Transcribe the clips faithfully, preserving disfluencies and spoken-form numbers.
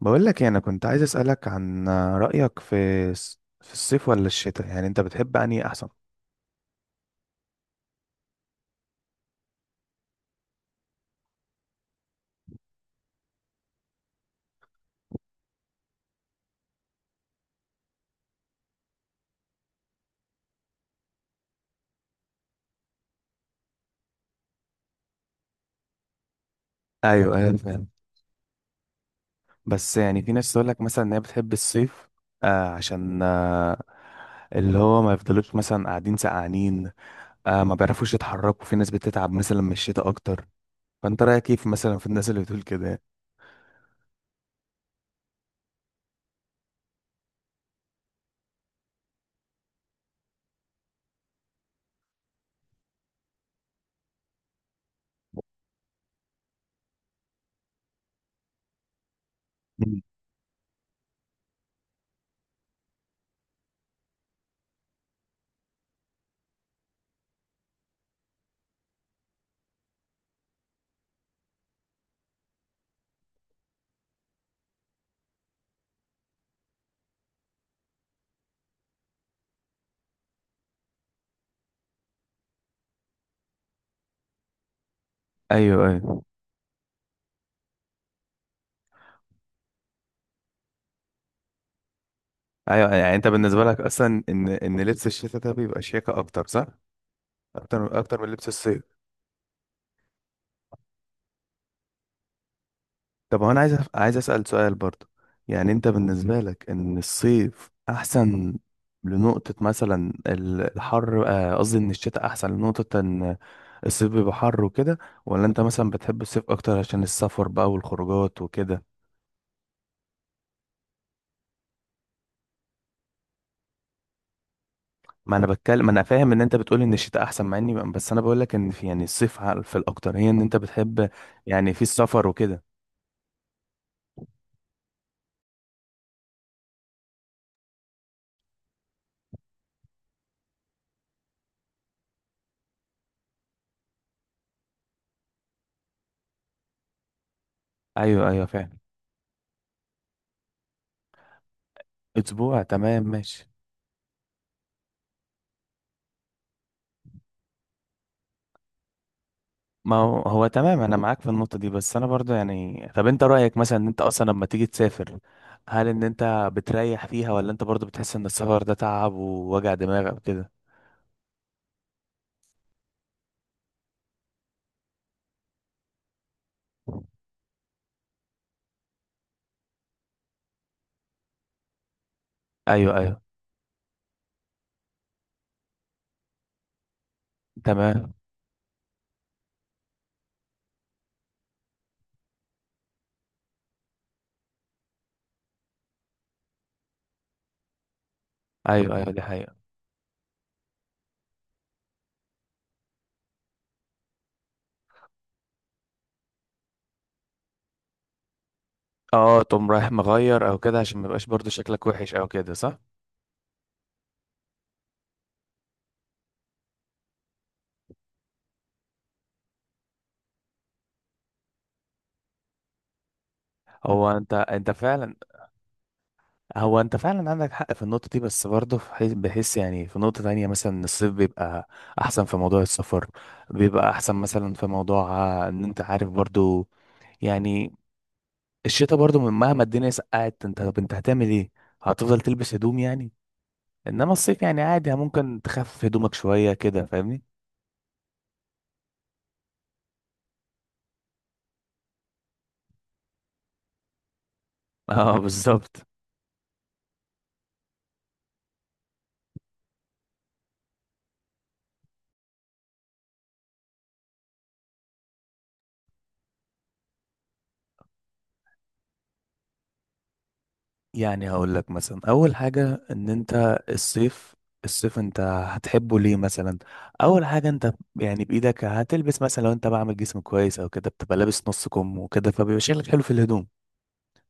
بقول لك إيه، انا كنت عايز اسالك عن رايك في الص- في الصيف ولا الشتاء، يعني انت بتحب انهي احسن؟ ايوه ايوه، فاهم. بس يعني في ناس تقول لك مثلا ان هي بتحب الصيف. آه عشان آه اللي هو ما يفضلوش مثلا قاعدين سقعانين، آه ما بيعرفوش يتحركوا. في ناس بتتعب مثلا من الشتاء اكتر. فانت رايك كيف مثلا في الناس اللي بتقول كده يعني؟ مم. ايوه ايوه ايوه. يعني انت بالنسبه لك اصلا ان ان لبس الشتاء ده بيبقى شياكه اكتر، صح؟ اكتر اكتر من لبس الصيف. طب هو انا عايز أف- عايز اسال سؤال برضه. يعني انت بالنسبه لك ان الصيف احسن لنقطه مثلا ال- الحر، آه، قصدي ان الشتاء احسن لنقطه ان الصيف بيبقى حر وكده، ولا انت مثلا بتحب الصيف اكتر عشان السفر بقى والخروجات وكده؟ ما انا بتكلم، ما انا فاهم ان انت بتقول ان الشتاء احسن، مع اني بس انا بقول لك ان في يعني الصيف ع- في الاكتر هي ان انت بتحب. يعني في السفر وكده. ايوه ايوه، فعلا. اسبوع، تمام ماشي. ما هو هو تمام، انا معاك في النقطه دي. بس انا برضو يعني، طب انت رايك مثلا ان انت اصلا لما تيجي تسافر، هل ان انت بتريح فيها، ولا انت برضو بتحس ان السفر ده تعب ووجع دماغ او كده؟ ايوه ايوه، تمام. ايوه ايوه، دي حقيقه. اه، تقوم رايح مغير او كده عشان ما يبقاش برضو شكلك وحش او كده، صح؟ هو انت انت فعلا. هو انت فعلا عندك حق في النقطة دي، بس برضه في حي- بحس يعني في نقطة تانية مثلا إن الصيف بيبقى احسن في موضوع السفر، بيبقى احسن مثلا في موضوع، آه، ان انت عارف برضه يعني، الشتاء برضه مهما الدنيا سقعت، انت طب انت هتعمل ايه؟ هتفضل تلبس هدوم يعني. انما الصيف يعني عادي، ممكن تخفف هدومك شوية كده، فاهمني؟ اه، بالظبط. يعني هقول لك مثلا اول حاجه ان انت الصيف. الصيف انت هتحبه ليه مثلا؟ اول حاجه، انت يعني بايدك هتلبس مثلا، لو انت بعمل جسم كويس او كده بتبقى لابس نص كم وكده، فبيبقى شكلك حلو في الهدوم.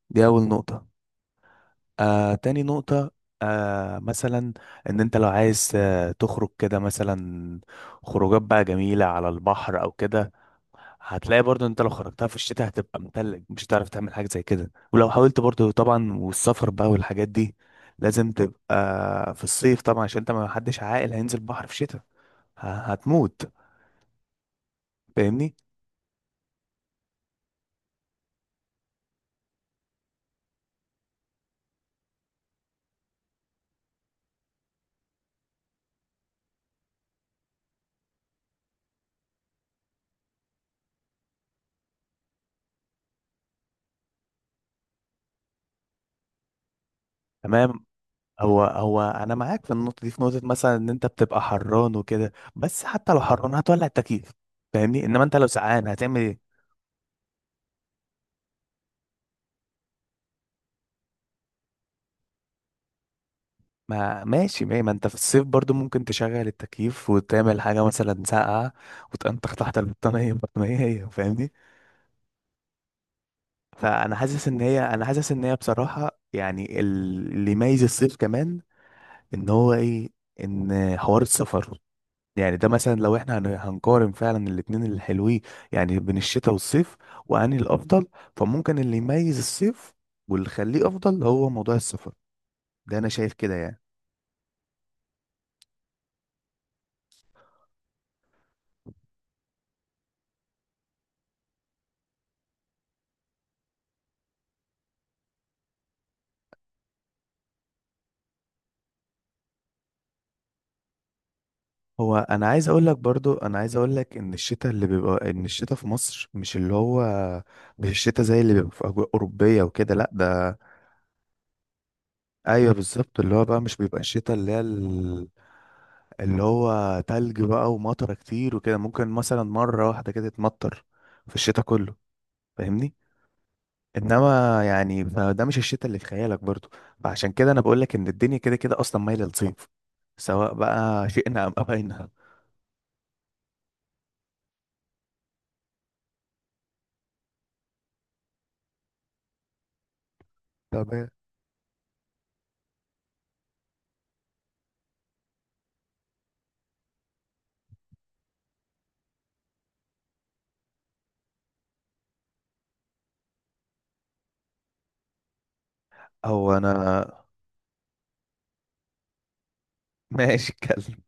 دي اول نقطه. آه تاني نقطه، آه مثلا ان انت لو عايز آه تخرج كده مثلا خروجات بقى جميله على البحر او كده، هتلاقي برضو انت لو خرجتها في الشتاء هتبقى متلج، مش هتعرف تعمل حاجة زي كده، ولو حاولت برضو طبعا. والسفر بقى والحاجات دي لازم تبقى في الصيف طبعا، عشان انت ما حدش عاقل هينزل بحر في شتاء، ه- هتموت. فاهمني؟ تمام. هو هو انا معاك في النقطة دي، في نقطة مثلا ان انت بتبقى حران وكده، بس حتى لو حران هتولع التكييف، فاهمني؟ انما انت لو سقعان هتعمل ايه؟ ما ماشي، ما ما انت في الصيف برضو ممكن تشغل التكييف وتعمل حاجة مثلا ساقعة وتنطخ تحت البطانية. البطانية هي، فاهمني؟ فانا حاسس ان هي، انا حاسس ان هي بصراحه يعني ال- اللي يميز الصيف كمان ان هو ايه، ان حوار السفر، يعني ده مثلا لو احنا هن- هنقارن فعلا الاتنين الحلوين يعني، بين الشتاء والصيف، واني الافضل، فممكن اللي يميز الصيف واللي يخليه افضل هو موضوع السفر. ده انا شايف كده يعني. هو انا عايز اقول لك برضو، انا عايز اقول لك ان الشتاء اللي بيبقى، ان الشتاء في مصر مش اللي هو، مش الشتاء زي اللي بيبقى في اجواء اوروبيه وكده، لا ده. ايوه بالظبط، اللي هو بقى مش بيبقى الشتاء اللي هي ال- اللي هو تلج بقى ومطره كتير وكده. ممكن مثلا مره واحده كده تمطر في الشتاء كله، فاهمني؟ انما يعني فده مش الشتاء اللي في خيالك برضو، فعشان كده انا بقول لك ان الدنيا كده كده اصلا مايله للصيف، سواء بقى شئنا ام ابينا. طب إيه؟ او انا. ماشي، اتكلم.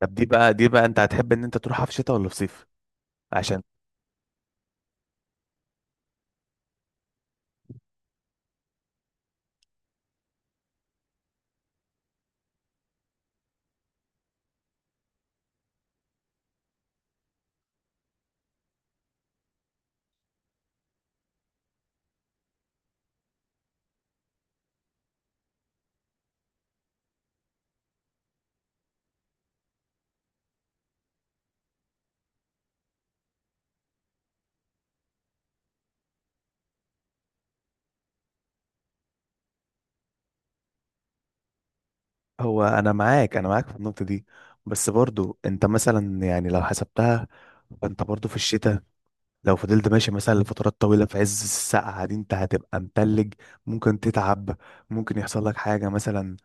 طب دي بقى، دي بقى انت هتحب ان انت تروحها في شتاء ولا في صيف؟ عشان هو انا معاك، انا معاك في النقطه دي، بس برضو انت مثلا يعني لو حسبتها، فانت برضو في الشتاء لو فضلت ماشي مثلا لفترات طويله في عز السقعه دي انت هتبقى متلج، ممكن تتعب، ممكن يحصل لك حاجه مثلا،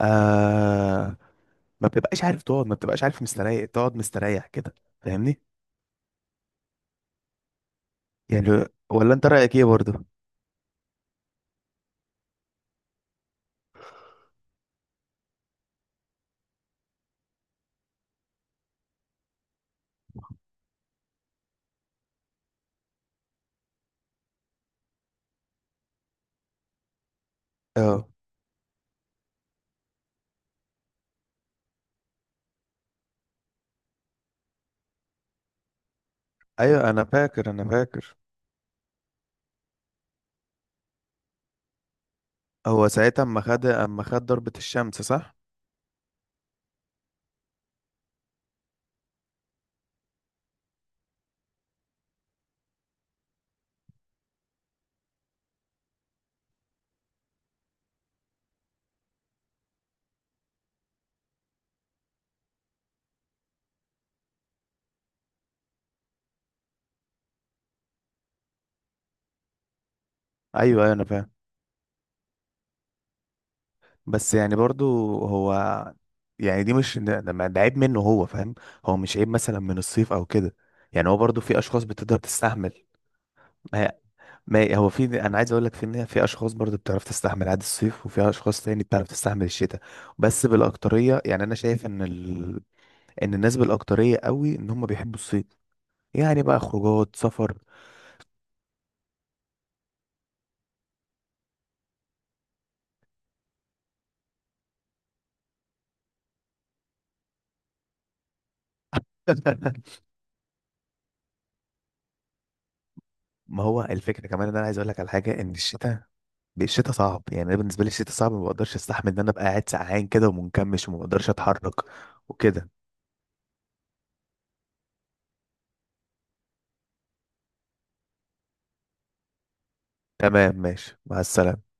آه ما بتبقاش عارف تقعد، ما بتبقاش عارف مستريح، تقعد مستريح كده، فاهمني؟ يعني ولا انت رايك ايه برضو؟ اه، ايوه انا فاكر انا فاكر. هو ساعتها اما خد، اما خد ضربه الشمس، صح؟ ايوه ايوه، انا فاهم. بس يعني برضو هو، يعني دي مش ده ده- ده عيب منه هو فاهم، هو مش عيب مثلا من الصيف او كده، يعني هو برضو في اشخاص بتقدر تستحمل. ما هي، ما هو في، انا عايز اقول لك في ان في اشخاص برضو بتعرف تستحمل عادي الصيف، وفي اشخاص تاني بتعرف تستحمل الشتاء. بس بالاكتريه يعني انا شايف ان ال... ان الناس بالاكتريه قوي ان هم بيحبوا الصيف، يعني بقى خروجات، سفر. ما هو الفكره كمان ان انا عايز اقول لك على حاجه، ان الشتاء، الشتاء صعب، يعني انا بالنسبه لي الشتاء صعب، ما بقدرش استحمل ان انا ابقى قاعد سقعان كده ومنكمش وما بقدرش اتحرك. وكده، تمام ماشي، مع السلامه.